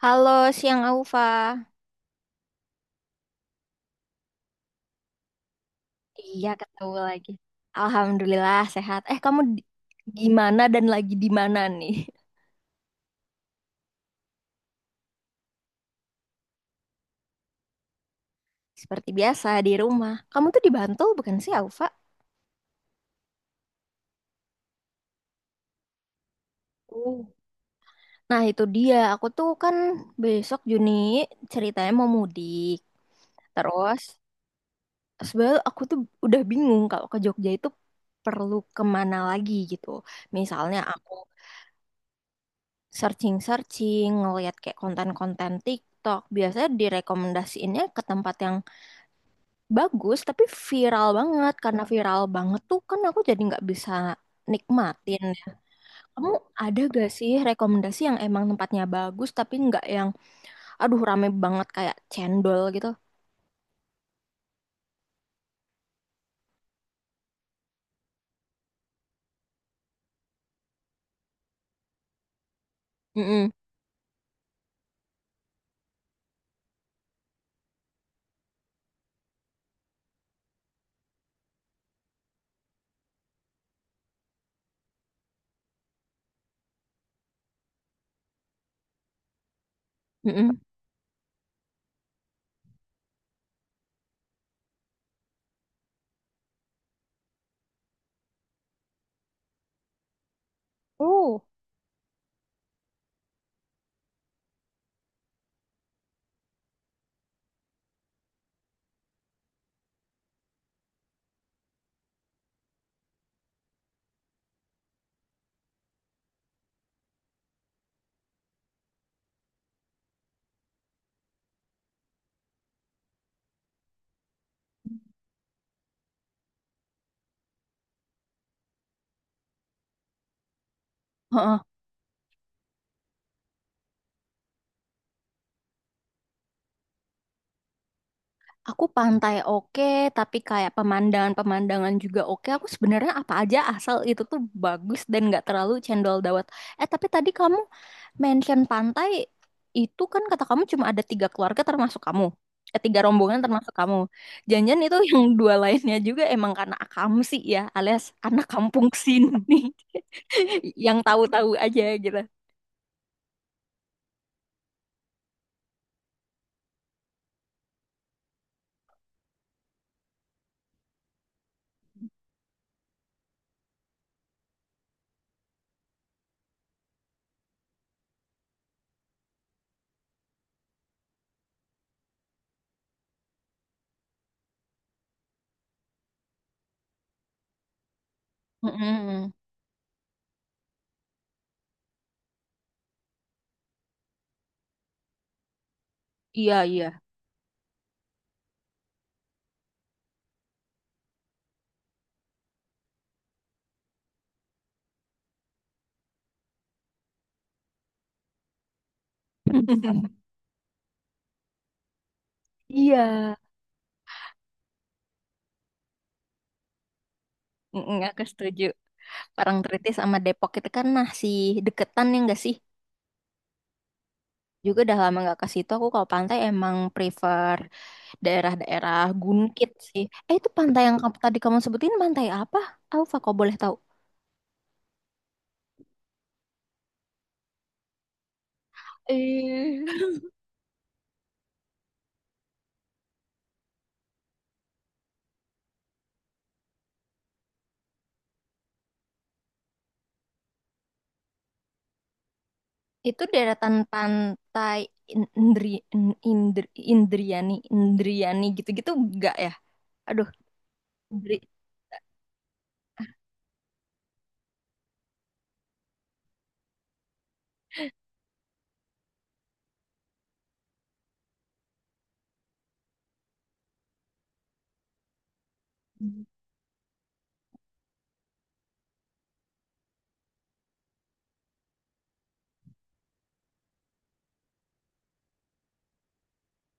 Halo, siang Aufa. Iya, ketemu lagi. Alhamdulillah sehat. Eh, kamu di- gimana dan lagi di mana nih? Seperti biasa di rumah. Kamu tuh di Bantul bukan sih, Aufa? Oh. Nah, itu dia. Aku tuh kan besok Juni ceritanya mau mudik. Terus sebenarnya aku tuh udah bingung kalau ke Jogja itu perlu kemana lagi gitu. Misalnya aku searching-searching, ngelihat kayak konten-konten TikTok. Biasanya direkomendasiinnya ke tempat yang bagus, tapi viral banget. Karena viral banget tuh kan aku jadi nggak bisa nikmatin. Ya. Kamu ada gak sih rekomendasi yang emang tempatnya bagus, tapi nggak yang, aduh rame banget kayak cendol gitu? Mm-mm. Mm-mm. Oh. Heeh. Aku pantai oke, tapi kayak pemandangan-pemandangan juga oke. Aku sebenarnya apa aja asal itu tuh bagus dan nggak terlalu cendol dawet. Eh, tapi tadi kamu mention pantai itu kan kata kamu cuma ada tiga keluarga termasuk kamu. Eh, tiga rombongan termasuk kamu. Jangan-jangan itu yang dua lainnya juga emang karena akamsi ya, alias anak kampung sini, yang tahu-tahu aja gitu. Mm-mm. Iya, iya. Mm-mm. Aku setuju. Parangtritis sama Depok itu kan masih deketan ya nggak sih? Juga udah lama nggak ke situ. Aku kalau pantai emang prefer daerah-daerah gunkit sih. Eh itu pantai yang tadi kamu sebutin pantai apa? Alfa kok boleh tahu? Eh, Itu deretan pantai In- Indri, In- Indri, Indriani gitu-gitu enggak ya? Aduh, Indri.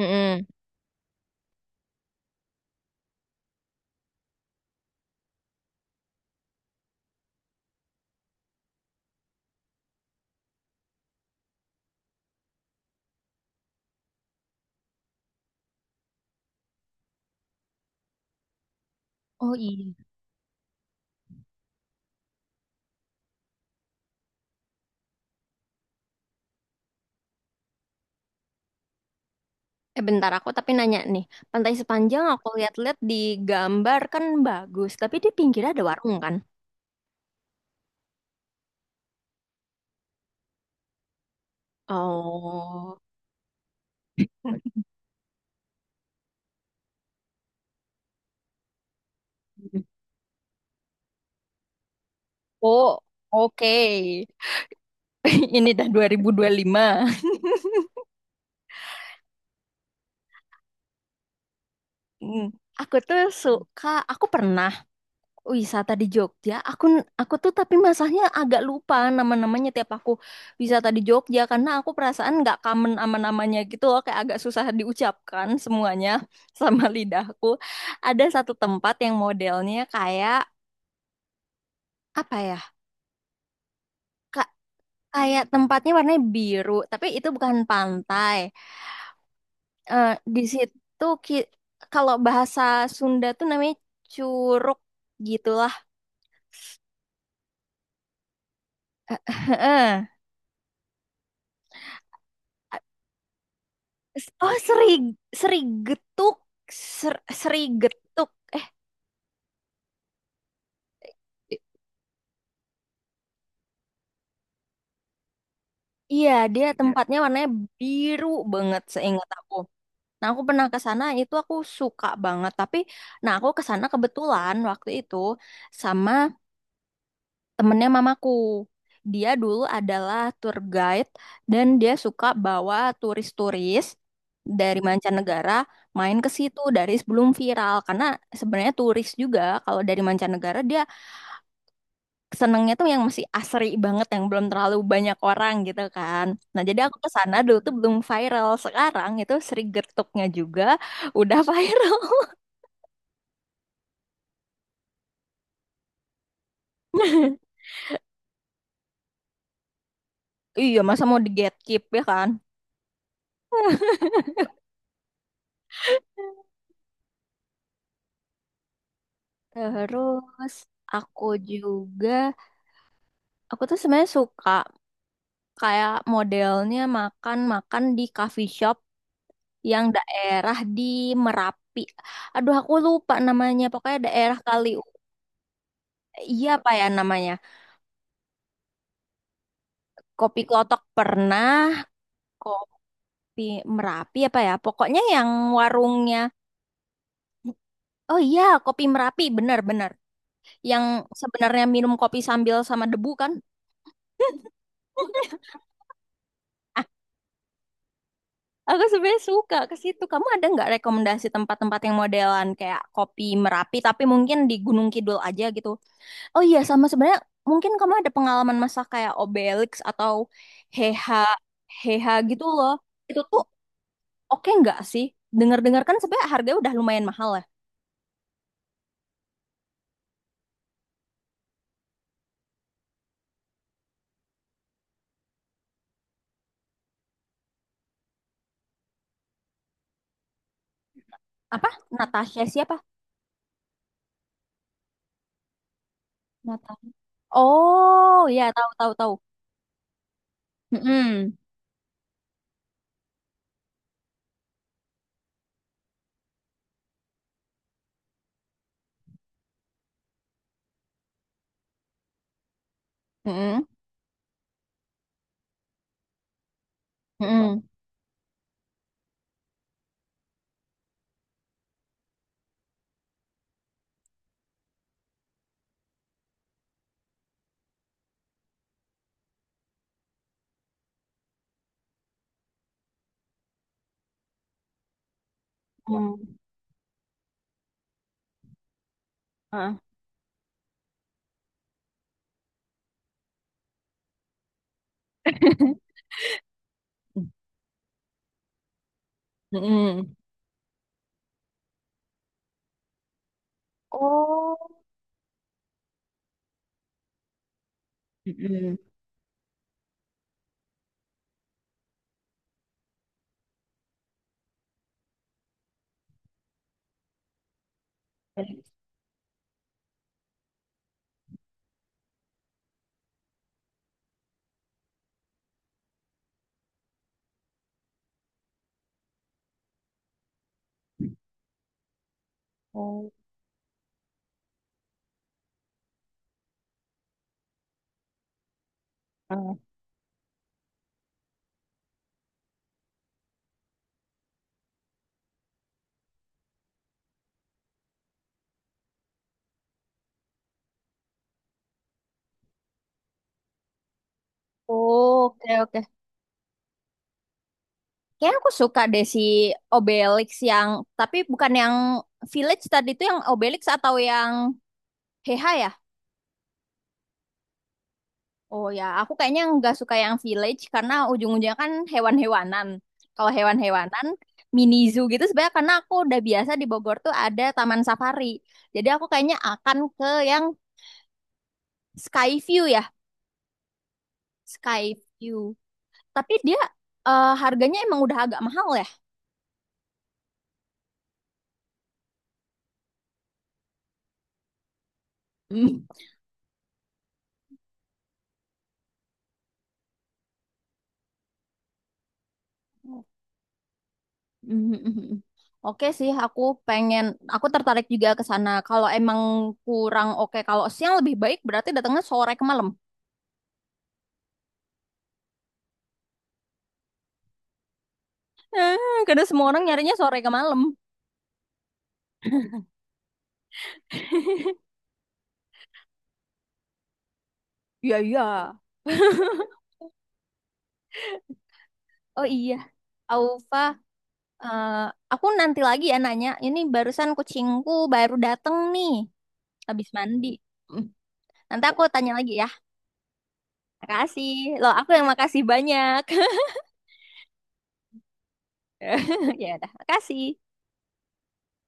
Mm-mm. Oh iya. Eh bentar aku tapi nanya nih, Pantai Sepanjang aku lihat-lihat di gambar kan bagus, tapi di pinggirnya ada warung kan? Oh, oh, oke. Ini dah 2025. Hmm, Aku tuh suka. Aku pernah wisata di Jogja. Aku tuh tapi masalahnya agak lupa nama-namanya tiap aku wisata di Jogja karena aku perasaan nggak common sama namanya gitu loh, kayak agak susah diucapkan semuanya sama lidahku. Ada satu tempat yang modelnya kayak apa ya? Ka- Kayak tempatnya warnanya biru, tapi itu bukan pantai. Eh, di situ kalau bahasa Sunda tuh namanya curug gitulah. Heeh. Oh, seri seri getuk, ser, seri getuk. I- Iya, dia. Ya, tempatnya warnanya biru banget seingat aku. Nah, aku pernah ke sana itu aku suka banget, tapi nah aku ke sana kebetulan waktu itu sama temennya mamaku. Dia dulu adalah tour guide dan dia suka bawa turis-turis dari mancanegara main ke situ dari sebelum viral karena sebenarnya turis juga kalau dari mancanegara dia senengnya tuh yang masih asri banget yang belum terlalu banyak orang gitu kan. Nah, jadi aku ke sana dulu tuh belum viral. Sekarang itu Sri Gertuknya juga udah viral. Iya, masa mau di gatekeep ya kan? Terus aku juga aku tuh sebenarnya suka kayak modelnya makan-makan di coffee shop yang daerah di Merapi. Aduh, aku lupa namanya. Pokoknya daerah kali iya apa ya namanya? Kopi Klotok pernah, Kopi Merapi apa ya? Pokoknya yang warungnya. Oh iya, kopi Merapi, benar-benar. Yang sebenarnya minum kopi sambil sama debu kan? Ah, aku sebenarnya suka ke situ. Kamu ada nggak rekomendasi tempat-tempat yang modelan kayak kopi Merapi, tapi mungkin di Gunung Kidul aja gitu? Oh iya, sama sebenarnya mungkin kamu ada pengalaman masak kayak Obelix atau Heha, Heha gitu loh. Itu tuh oke nggak sih? Dengar-dengar kan sebenarnya harganya udah lumayan mahal ya. Apa? Natasha siapa? Oh, ya tahu tahu tahu. Mm-mm. Mm-mm. Mm-mm. Mm. Ah. Mm-mm. Oh. Mm-mm. oh, oh, oke oke. Kayaknya aku suka deh si Obelix yang tapi bukan yang Village tadi itu yang Obelix atau yang Heha ya? Oh ya, aku kayaknya nggak suka yang village karena ujung-ujungnya kan hewan-hewanan. Kalau hewan-hewanan, mini zoo gitu sebenarnya karena aku udah biasa di Bogor tuh ada taman safari. Jadi aku kayaknya akan ke yang Skyview ya, Skyview. Tapi dia harganya emang udah agak mahal ya. Mm. Mm. Oke sih, pengen, aku tertarik juga ke sana. Kalau emang kurang oke, kalau siang lebih baik berarti datangnya sore ke malam. Eh, karena semua orang nyarinya sore ke malam. Iya, iya. Oh iya, Aufa, eh, aku nanti lagi ya nanya. Ini barusan kucingku baru dateng nih, habis mandi. Hmm, Nanti aku tanya lagi ya. Makasih. Loh, aku yang makasih banyak. Ya udah, makasih.